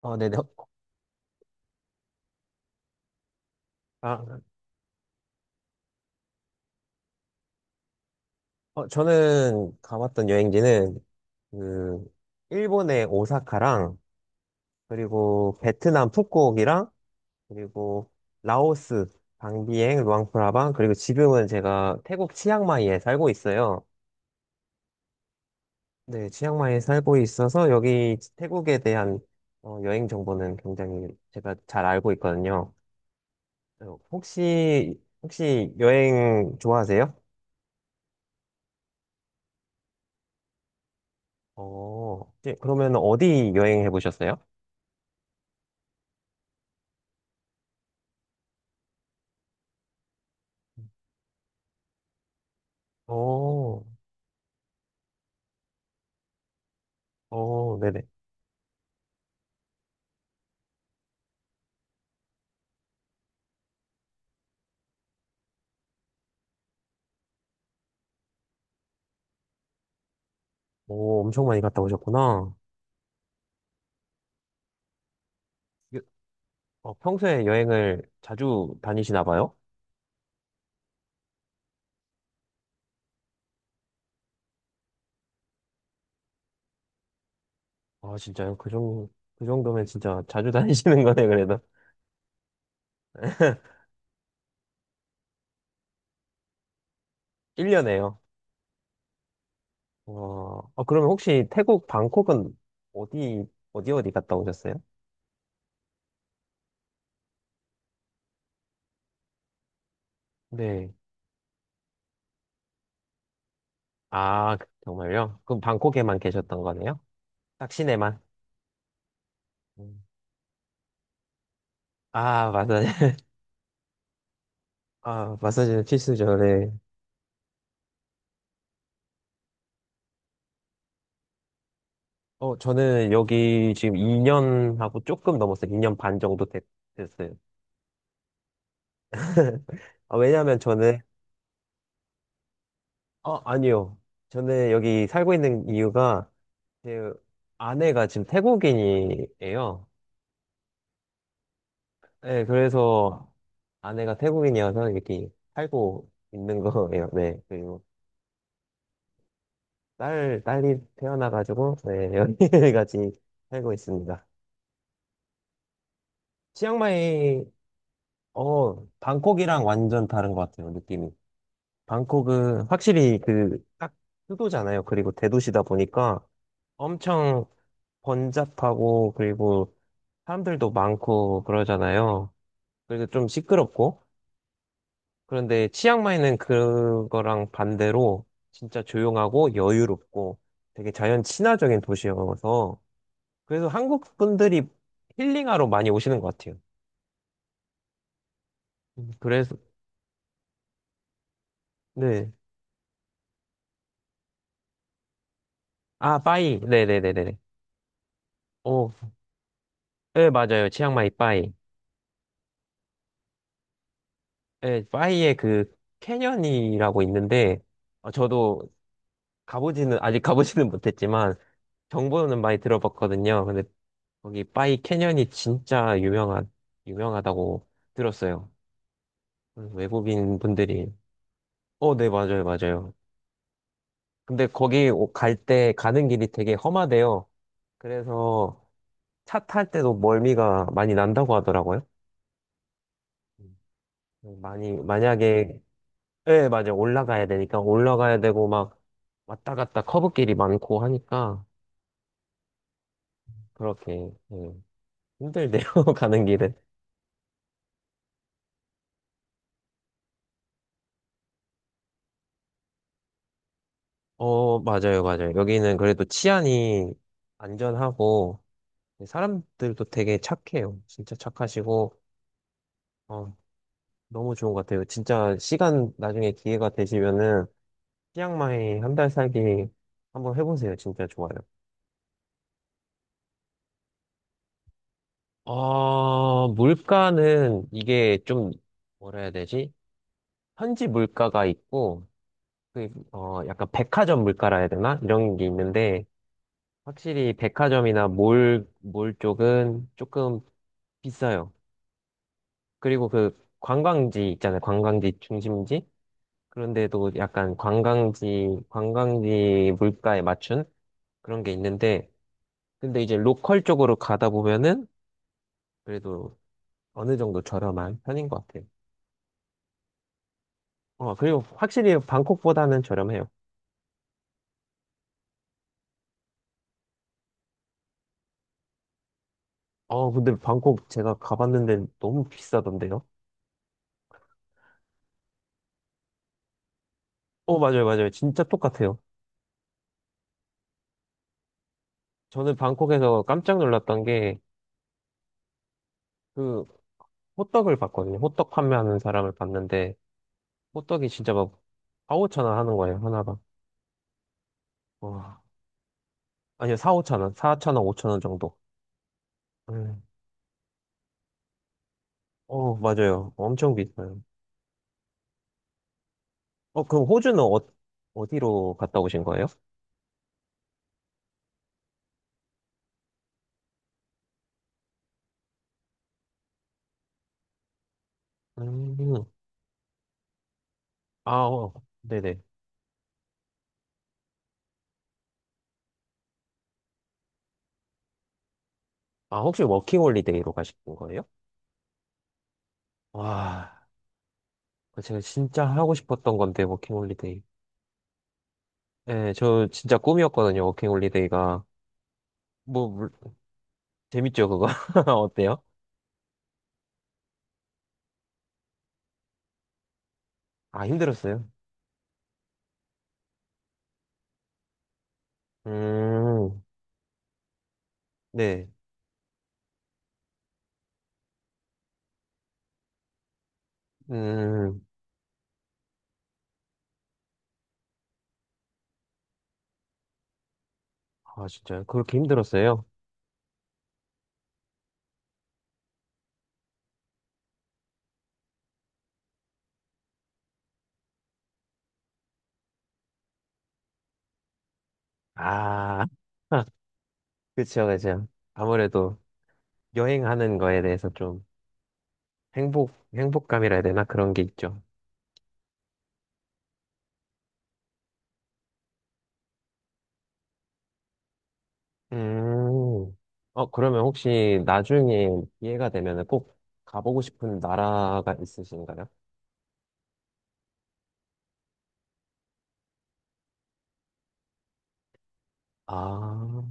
네네. 아, 저는 가봤던 여행지는 그 일본의 오사카랑 그리고 베트남 푸꾸옥이랑 그리고 라오스 방비엥 루앙프라방, 그리고 지금은 제가 태국 치앙마이에 살고 있어요. 네, 치앙마이에 살고 있어서 여기 태국에 대한 여행 정보는 굉장히 제가 잘 알고 있거든요. 혹시 여행 좋아하세요? 이제 그러면 어디 여행해 보셨어요? 어, 네네. 오, 엄청 많이 갔다 오셨구나. 여- 평소에 여행을 자주 다니시나 봐요? 아, 진짜요? 그 정도면 진짜 자주 다니시는 거네, 그래도. 1년에요. 와, 아, 그러면 혹시 태국 방콕은 어디, 어디 갔다 오셨어요? 네. 아, 정말요? 그럼 방콕에만 계셨던 거네요? 딱 시내만? 음. 아, 마사지. 아, 마사지는 필수죠, 네. 어, 저는 여기 지금 2년 하고 조금 넘었어요. 2년 반 정도 됐, 됐어요. 아, 왜냐면 저는, 아니요. 저는 여기 살고 있는 이유가 제 아내가 지금 태국인이에요. 네, 그래서 아내가 태국인이어서 이렇게 살고 있는 거예요. 네, 그리고 딸이 태어나가지고, 네, 여기까지 살고 있습니다. 치앙마이, 방콕이랑 완전 다른 것 같아요, 느낌이. 방콕은 확실히 그 딱 수도잖아요. 그리고 대도시다 보니까 엄청 번잡하고, 그리고 사람들도 많고 그러잖아요. 그래서 좀 시끄럽고, 그런데 치앙마이는 그거랑 반대로 진짜 조용하고 여유롭고 되게 자연 친화적인 도시여서, 그래서 한국 분들이 힐링하러 많이 오시는 것 같아요. 그래서 네. 아, 빠이. 네네네네. 오, 네, 맞아요. 치앙마이 빠이. 네, 파이에 그 캐년이라고 있는데, 저도 가보지는 아직 가보지는 못했지만 정보는 많이 들어봤거든요. 근데 거기 파이 캐년이 진짜 유명한 유명하다고 들었어요. 외국인 분들이, 네, 맞아요, 맞아요. 근데 거기 갈 때 가는 길이 되게 험하대요. 그래서 차 탈 때도 멀미가 많이 난다고 하더라고요. 음, 많이 만약에 예, 맞아. 올라가야 되고, 막, 왔다 갔다 커브길이 많고 하니까, 그렇게, 예, 힘들대요, 가는 길은. 어, 맞아요, 맞아요. 여기는 그래도 치안이 안전하고, 사람들도 되게 착해요. 진짜 착하시고, 어, 너무 좋은 것 같아요. 나중에 기회가 되시면은 치앙마이 한 달 살기 한번 해보세요. 진짜 좋아요. 물가는 이게 좀, 뭐라 해야 되지? 현지 물가가 있고, 약간 백화점 물가라 해야 되나? 이런 게 있는데, 확실히 백화점이나 몰 쪽은 조금 비싸요. 그리고 그 관광지 있잖아요. 관광지 중심지? 그런데도 약간 관광지 물가에 맞춘 그런 게 있는데, 근데 이제 로컬 쪽으로 가다 보면은, 그래도 어느 정도 저렴한 편인 것 같아요. 어, 그리고 확실히 방콕보다는 저렴해요. 어, 근데 방콕 제가 가봤는데 너무 비싸던데요? 어, 맞아요, 맞아요. 진짜 똑같아요. 저는 방콕에서 깜짝 놀랐던 게, 그, 호떡을 봤거든요. 호떡 판매하는 사람을 봤는데, 호떡이 진짜 막, 4, 5천 원 하는 거예요, 하나가. 와, 아니요, 4천 원, 5천 원 정도. 음. 어, 맞아요. 엄청 비싸요. 어, 그럼 호주는 어디로 갔다 오신 거예요? 음, 아, 어, 네네. 아, 혹시 워킹홀리데이로 가신 거예요? 와, 그거 제가 진짜 하고 싶었던 건데, 워킹홀리데이. 네, 저 진짜 꿈이었거든요, 워킹홀리데이가. 뭐, 물- 재밌죠, 그거? 어때요? 아, 힘들었어요. 음, 네. 음, 아, 진짜요? 그렇게 힘들었어요? 아, 그쵸, 그쵸. 아무래도 여행하는 거에 대해서 좀 행복감이라 해야 되나? 그런 게 있죠. 음, 어, 그러면 혹시 나중에 기회가 되면 꼭 가보고 싶은 나라가 있으신가요? 아,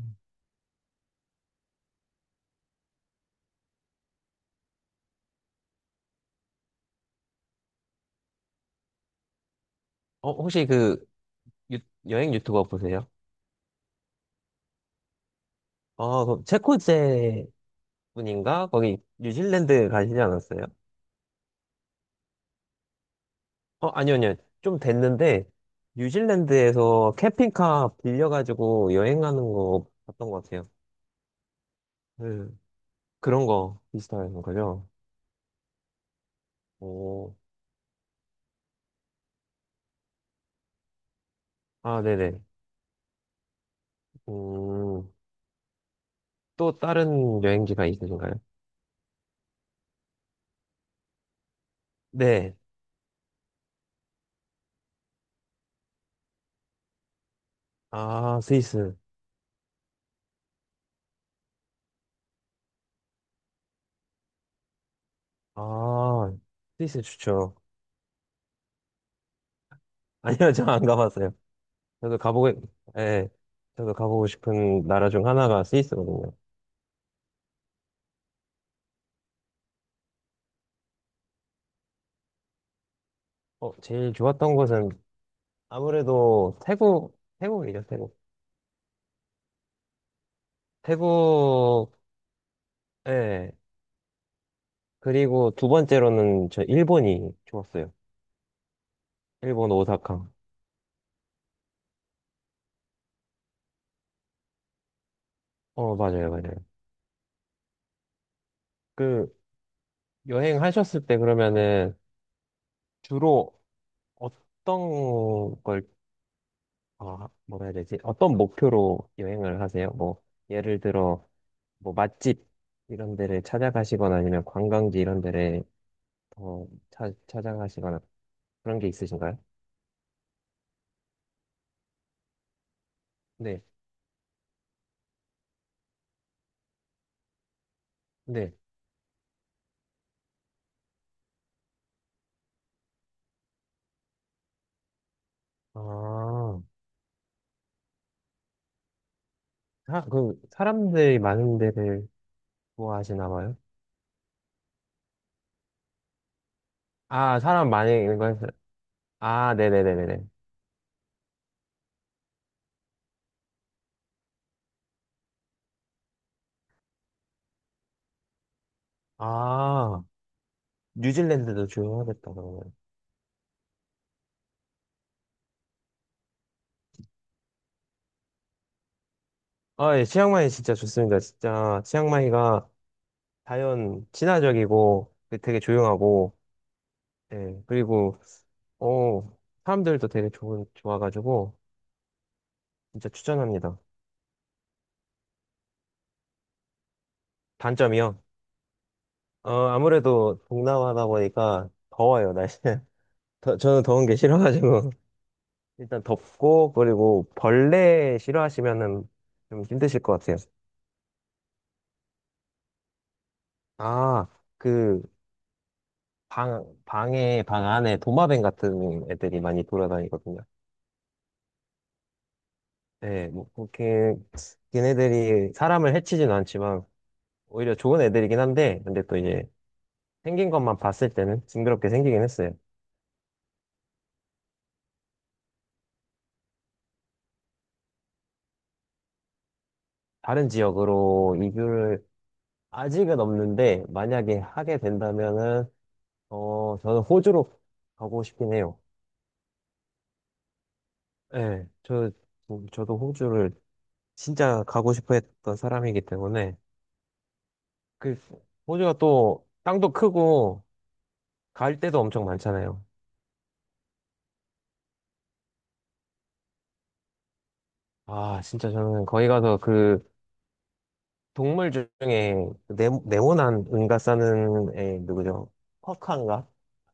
어, 혹시 그 유- 여행 유튜버 보세요? 어, 그럼 체코제 분인가? 거기 뉴질랜드 가시지 않았어요? 아니요. 좀 됐는데, 뉴질랜드에서 캠핑카 빌려가지고 여행 가는 거 봤던 것 같아요. 네. 그런 거 비슷한 거죠? 오, 아, 네네. 음, 또 다른 여행지가 있으신가요? 네. 아, 스위스. 아, 스위스 좋죠. 아니요, 저 안 가봤어요. 저도 예. 저도 가보고 싶은 나라 중 하나가 스위스거든요. 어, 제일 좋았던 곳은 아무래도 태국이죠, 태국. 태국, 예. 그리고 두 번째로는 저 일본이 좋았어요. 일본 오사카. 어, 맞아요, 맞아요. 그, 여행하셨을 때 그러면은 주로 어떤 걸, 뭐라 해야 되지? 어떤 목표로 여행을 하세요? 예를 들어, 뭐, 맛집 이런 데를 찾아가시거나 아니면 관광지 이런 데를 더 찾아가시거나 그런 게 있으신가요? 네, 네. 아. 사람들이 많은 데를 좋아하시나 봐요? 아, 사람 많이 있는 거, 아, 네네네네네. 아, 뉴질랜드도 좋아하겠다, 그러면. 아, 예, 치앙마이 진짜 좋습니다. 진짜, 치앙마이가 자연 친화적이고, 그 되게 조용하고, 예, 그리고, 어, 사람들도 되게 좋아가지고, 진짜 추천합니다. 단점이요? 어, 아무래도 동남아다 보니까 더워요, 날씨는. 저는 더운 게 싫어가지고. 일단 덥고, 그리고 벌레 싫어하시면은 좀 힘드실 것 같아요. 아, 그 방 안에 도마뱀 같은 애들이 많이 돌아다니거든요. 네, 뭐 그렇게 걔네들이 사람을 해치진 않지만 오히려 좋은 애들이긴 한데, 근데 또 이제 생긴 것만 봤을 때는 징그럽게 생기긴 했어요. 다른 지역으로 이주를 아직은 없는데, 만약에 하게 된다면은 어 저는 호주로 가고 싶긴 해요. 네, 저, 저도 호주를 진짜 가고 싶어 했던 사람이기 때문에, 그, 호주가 또 땅도 크고, 갈 데도 엄청 많잖아요. 아, 진짜 저는 거기 가서 그, 동물 중에, 그 네, 네모난 은가 싸는 애, 누구죠? 쿼카인가?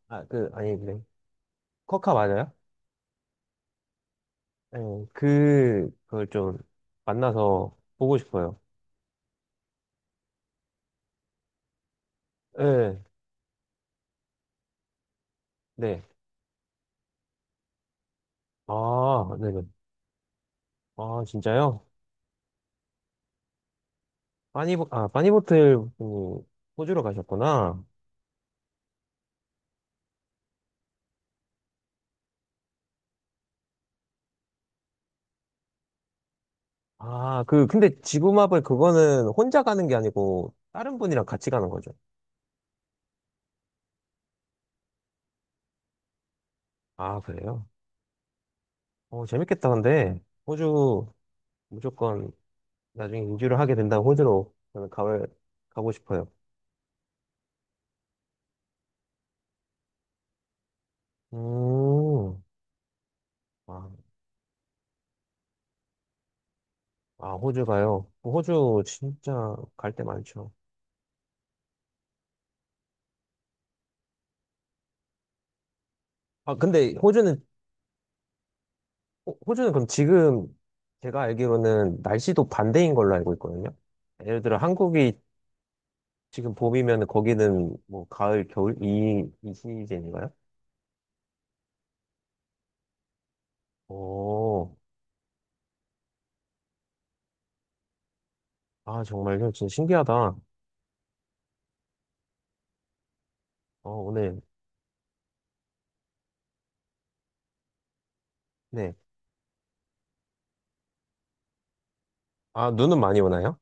아, 그, 아니, 네. 쿼카 맞아요? 네, 그걸 좀 만나서 보고 싶어요. 네, 네. 아, 네네. 아, 진짜요? 바니보틀 그 호주로 가셨구나. 아, 근데 지구마블 그거는 혼자 가는 게 아니고 다른 분이랑 같이 가는 거죠. 아, 그래요? 어, 재밌겠다, 근데. 호주 무조건 나중에 인주를 하게 된다면 호주로 저는 가고 싶어요. 음, 아, 아, 호주 가요. 호주 진짜 갈 데 많죠. 아, 근데 호주는, 호주는 그럼 지금 제가 알기로는 날씨도 반대인 걸로 알고 있거든요. 예를 들어 한국이 지금 봄이면 거기는 뭐 가을, 겨울 이 시즌인가요? 오, 아 정말요? 진짜 신기하다. 어, 오늘 네. 아 눈은 많이 오나요?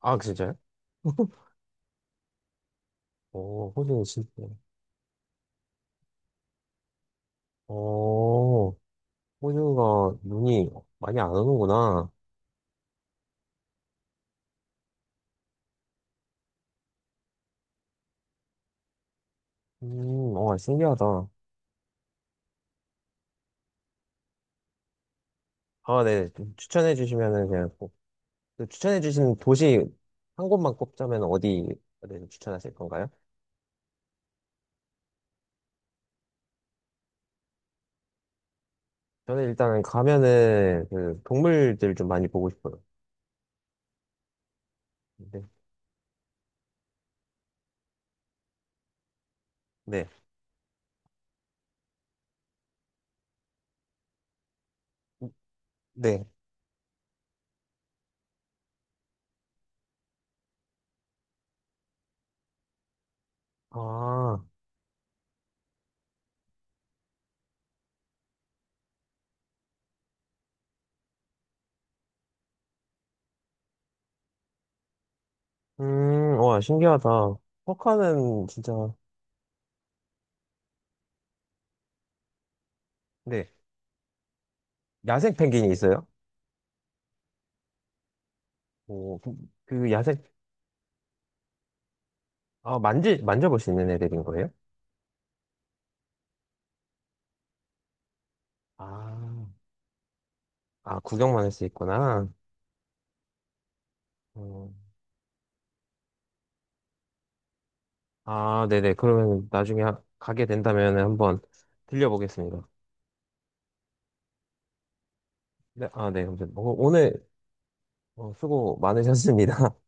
아 진짜요? 오, 호주는 진짜. 오, 호주가 눈이 많이 안 오는구나. 어 신기하다. 아 네, 추천해 주시면은 그냥 꼭. 그 추천해 주신 도시 한 곳만 꼽자면 어디를 추천하실 건가요? 저는 일단은 가면은 그 동물들 좀 많이 보고 싶어요. 네. 네. 네. 아, 와, 신기하다. 쿼카는 진짜, 네, 야생 펭귄이 있어요? 오, 그 야생, 만져볼 수 있는 애들인 거예요? 아, 아, 구경만 할 수 있구나. 어, 아, 네네. 그러면 나중에 가게 된다면 한번 들려보겠습니다. 네, 아, 네. 감사합니다. 오늘 어, 수고 많으셨습니다.